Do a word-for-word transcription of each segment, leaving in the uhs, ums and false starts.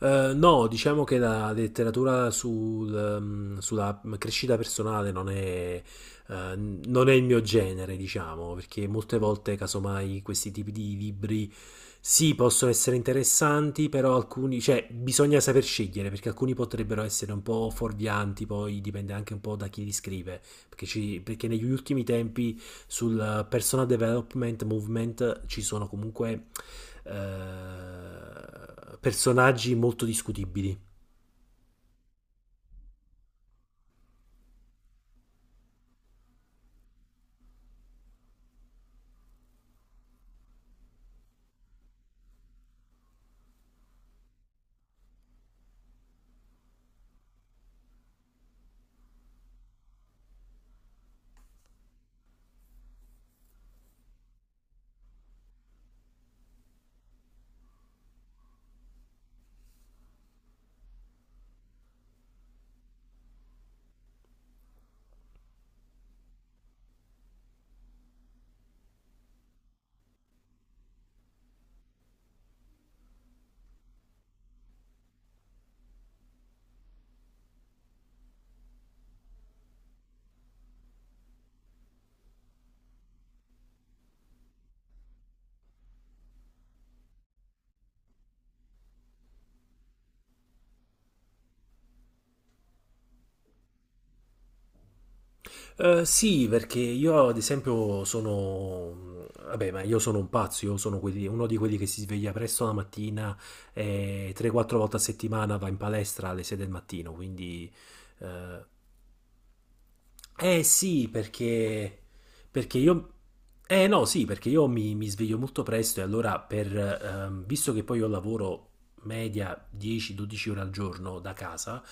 Eh, no, diciamo che la letteratura sul, ehm, sulla crescita personale non è, eh, non è il mio genere, diciamo, perché molte volte, casomai, questi tipi di libri sì, possono essere interessanti, però alcuni, cioè, bisogna saper scegliere, perché alcuni potrebbero essere un po' fuorvianti, poi dipende anche un po' da chi li scrive. Perché, ci- perché negli ultimi tempi sul eh, personal development movement ci sono comunque eh, personaggi molto discutibili. Eh, sì, perché io ad esempio sono... Vabbè, ma io sono un pazzo, io sono quelli- uno di quelli che si sveglia presto la mattina e tre quattro volte a settimana va in palestra alle sei del mattino, quindi eh, Eh sì, perché, perché io... Eh no, sì, perché io mi, mi sveglio molto presto e allora per... ehm, visto che poi io lavoro media dieci dodici ore al giorno da casa,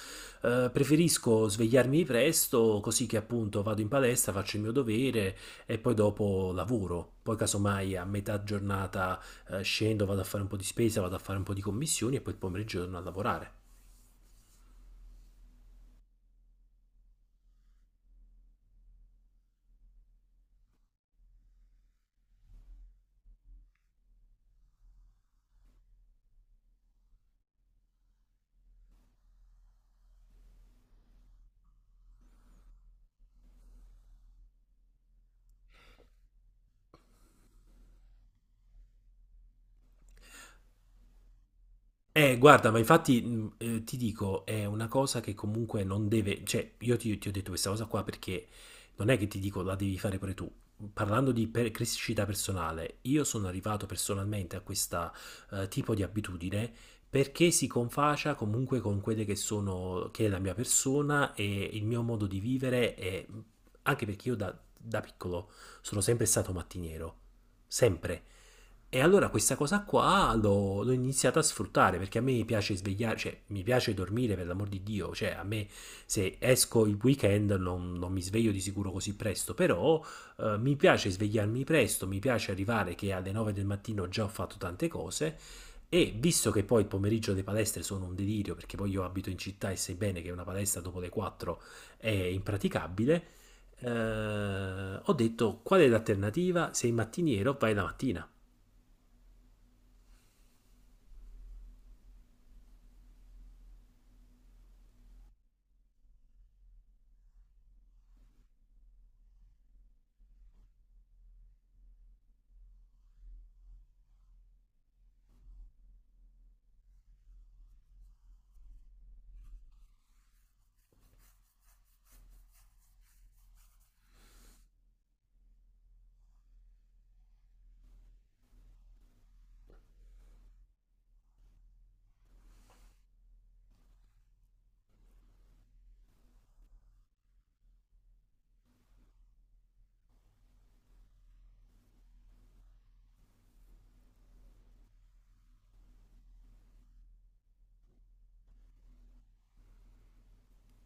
eh, preferisco svegliarmi presto così che appunto vado in palestra, faccio il mio dovere e poi dopo lavoro. Poi casomai a metà giornata eh, scendo, vado a fare un po' di spesa, vado a fare un po' di commissioni e poi il pomeriggio torno a lavorare. Eh, guarda, ma infatti mh, eh, ti dico, è una cosa che comunque non deve, cioè io ti, ti ho detto questa cosa qua perché non è che ti dico la devi fare pure tu. Parlando di per- crescita personale, io sono arrivato personalmente a questo tipo di abitudine perché si confacia comunque con quelle che sono, che è la mia persona e il mio modo di vivere e mh, anche perché io da da piccolo sono sempre stato mattiniero, sempre. E allora questa cosa qua l'ho, l'ho iniziata a sfruttare perché a me piace svegliare, cioè mi piace dormire per l'amor di Dio, cioè a me se esco il weekend non, non mi sveglio di sicuro così presto, però eh, mi piace svegliarmi presto, mi piace arrivare che alle nove del mattino già ho fatto tante cose e visto che poi il pomeriggio le palestre sono un delirio perché poi io abito in città e sai bene che una palestra dopo le quattro è impraticabile, eh, ho detto qual è l'alternativa? Sei mattiniero, vai la mattina.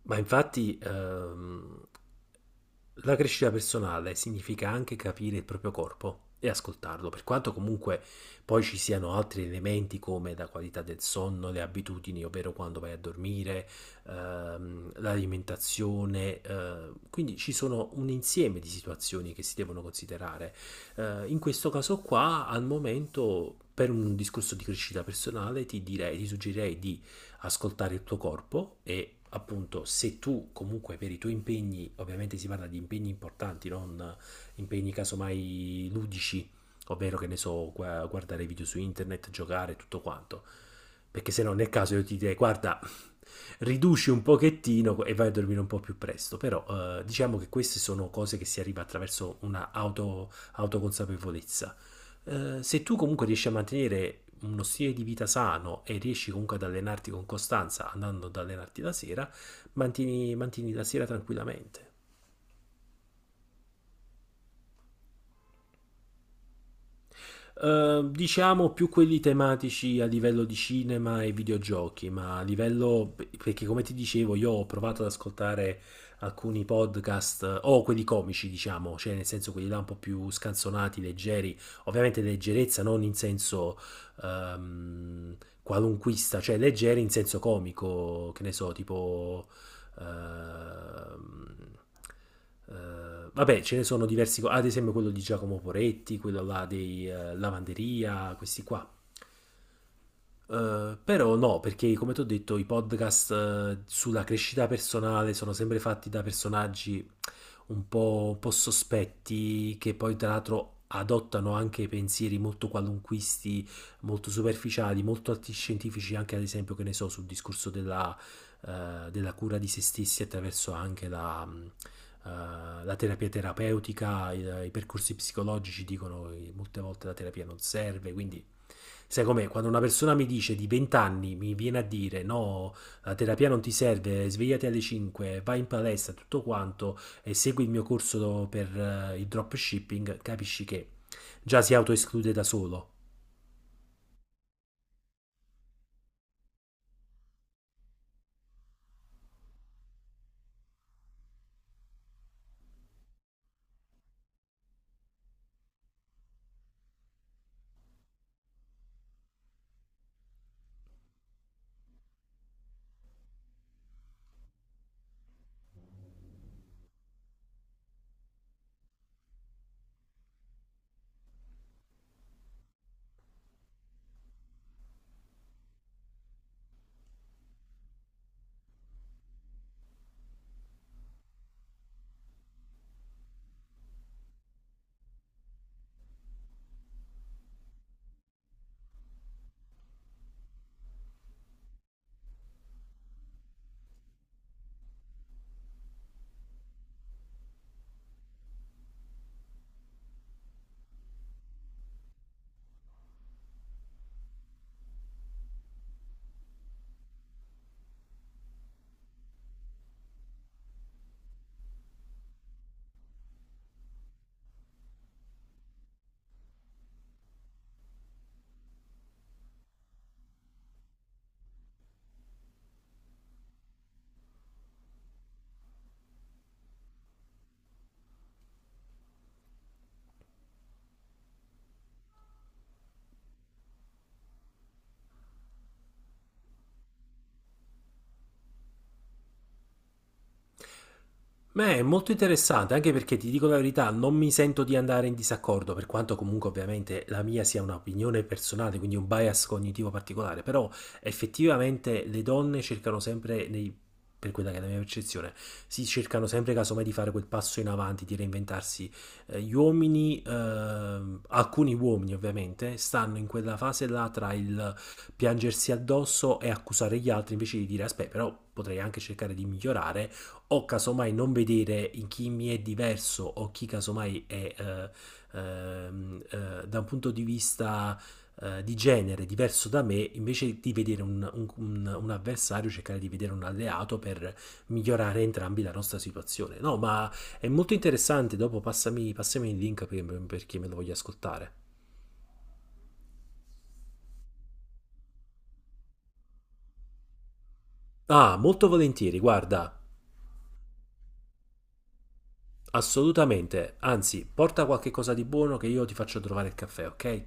Ma infatti, ehm, la crescita personale significa anche capire il proprio corpo e ascoltarlo, per quanto comunque poi ci siano altri elementi come la qualità del sonno, le abitudini, ovvero quando vai a dormire, ehm, l'alimentazione, eh, quindi ci sono un insieme di situazioni che si devono considerare. Eh, in questo caso qua, al momento, per un discorso di crescita personale, ti direi, ti suggerirei di ascoltare il tuo corpo e appunto se tu comunque per i tuoi impegni, ovviamente si parla di impegni importanti, non impegni casomai ludici, ovvero che ne so, gua- guardare video su internet, giocare, tutto quanto. Perché se no nel caso io ti direi guarda, riduci un pochettino e vai a dormire un po' più presto, però eh, diciamo che queste sono cose che si arriva attraverso una auto, autoconsapevolezza eh, se tu comunque riesci a mantenere uno stile di vita sano e riesci comunque ad allenarti con costanza andando ad allenarti la sera, mantieni, mantieni la sera tranquillamente. Eh, diciamo più quelli tematici a livello di cinema e videogiochi, ma a livello perché come ti dicevo io ho provato ad ascoltare alcuni podcast eh, o quelli comici, diciamo, cioè nel senso quelli là un po' più scanzonati, leggeri, ovviamente leggerezza non in senso ehm, qualunquista, cioè leggeri in senso comico, che ne so, tipo eh, eh, vabbè, ce ne sono diversi, co- ad esempio quello di Giacomo Poretti, quello là dei eh, Lavanderia, questi qua. Eh, però no, perché come ti ho detto, i podcast eh, sulla crescita personale sono sempre fatti da personaggi un po', un po' sospetti, che poi tra l'altro adottano anche pensieri molto qualunquisti, molto superficiali, molto antiscientifici, anche ad esempio, che ne so, sul discorso della, eh, della cura di se stessi attraverso anche la, mh, eh, la terapia terapeutica, i, i percorsi psicologici dicono che molte volte la terapia non serve, quindi sai com'è? Quando una persona mi dice di venti anni, mi viene a dire no, la terapia non ti serve, svegliati alle cinque, vai in palestra, tutto quanto e segui il mio corso per eh, il dropshipping, capisci che già si autoesclude da solo. Beh, è molto interessante, anche perché ti dico la verità, non mi sento di andare in disaccordo, per quanto comunque ovviamente la mia sia un'opinione personale, quindi un bias cognitivo particolare, però effettivamente le donne cercano sempre, nei- per quella che è la mia percezione, si cercano sempre casomai di fare quel passo in avanti, di reinventarsi. Eh, Gli uomini, ehm, alcuni uomini ovviamente, stanno in quella fase là tra il piangersi addosso e accusare gli altri invece di dire, aspetta, però potrei anche cercare di migliorare o casomai non vedere in chi mi è diverso o chi casomai è eh, ehm, eh, da un punto di vista eh, di genere diverso da me, invece di vedere un, un- un- un avversario, cercare di vedere un alleato per migliorare entrambi la nostra situazione. No, ma è molto interessante, dopo passami, passami il link per, perché me lo voglio ascoltare. Ah, molto volentieri, guarda, assolutamente, anzi, porta qualche cosa di buono che io ti faccio trovare il caffè, ok?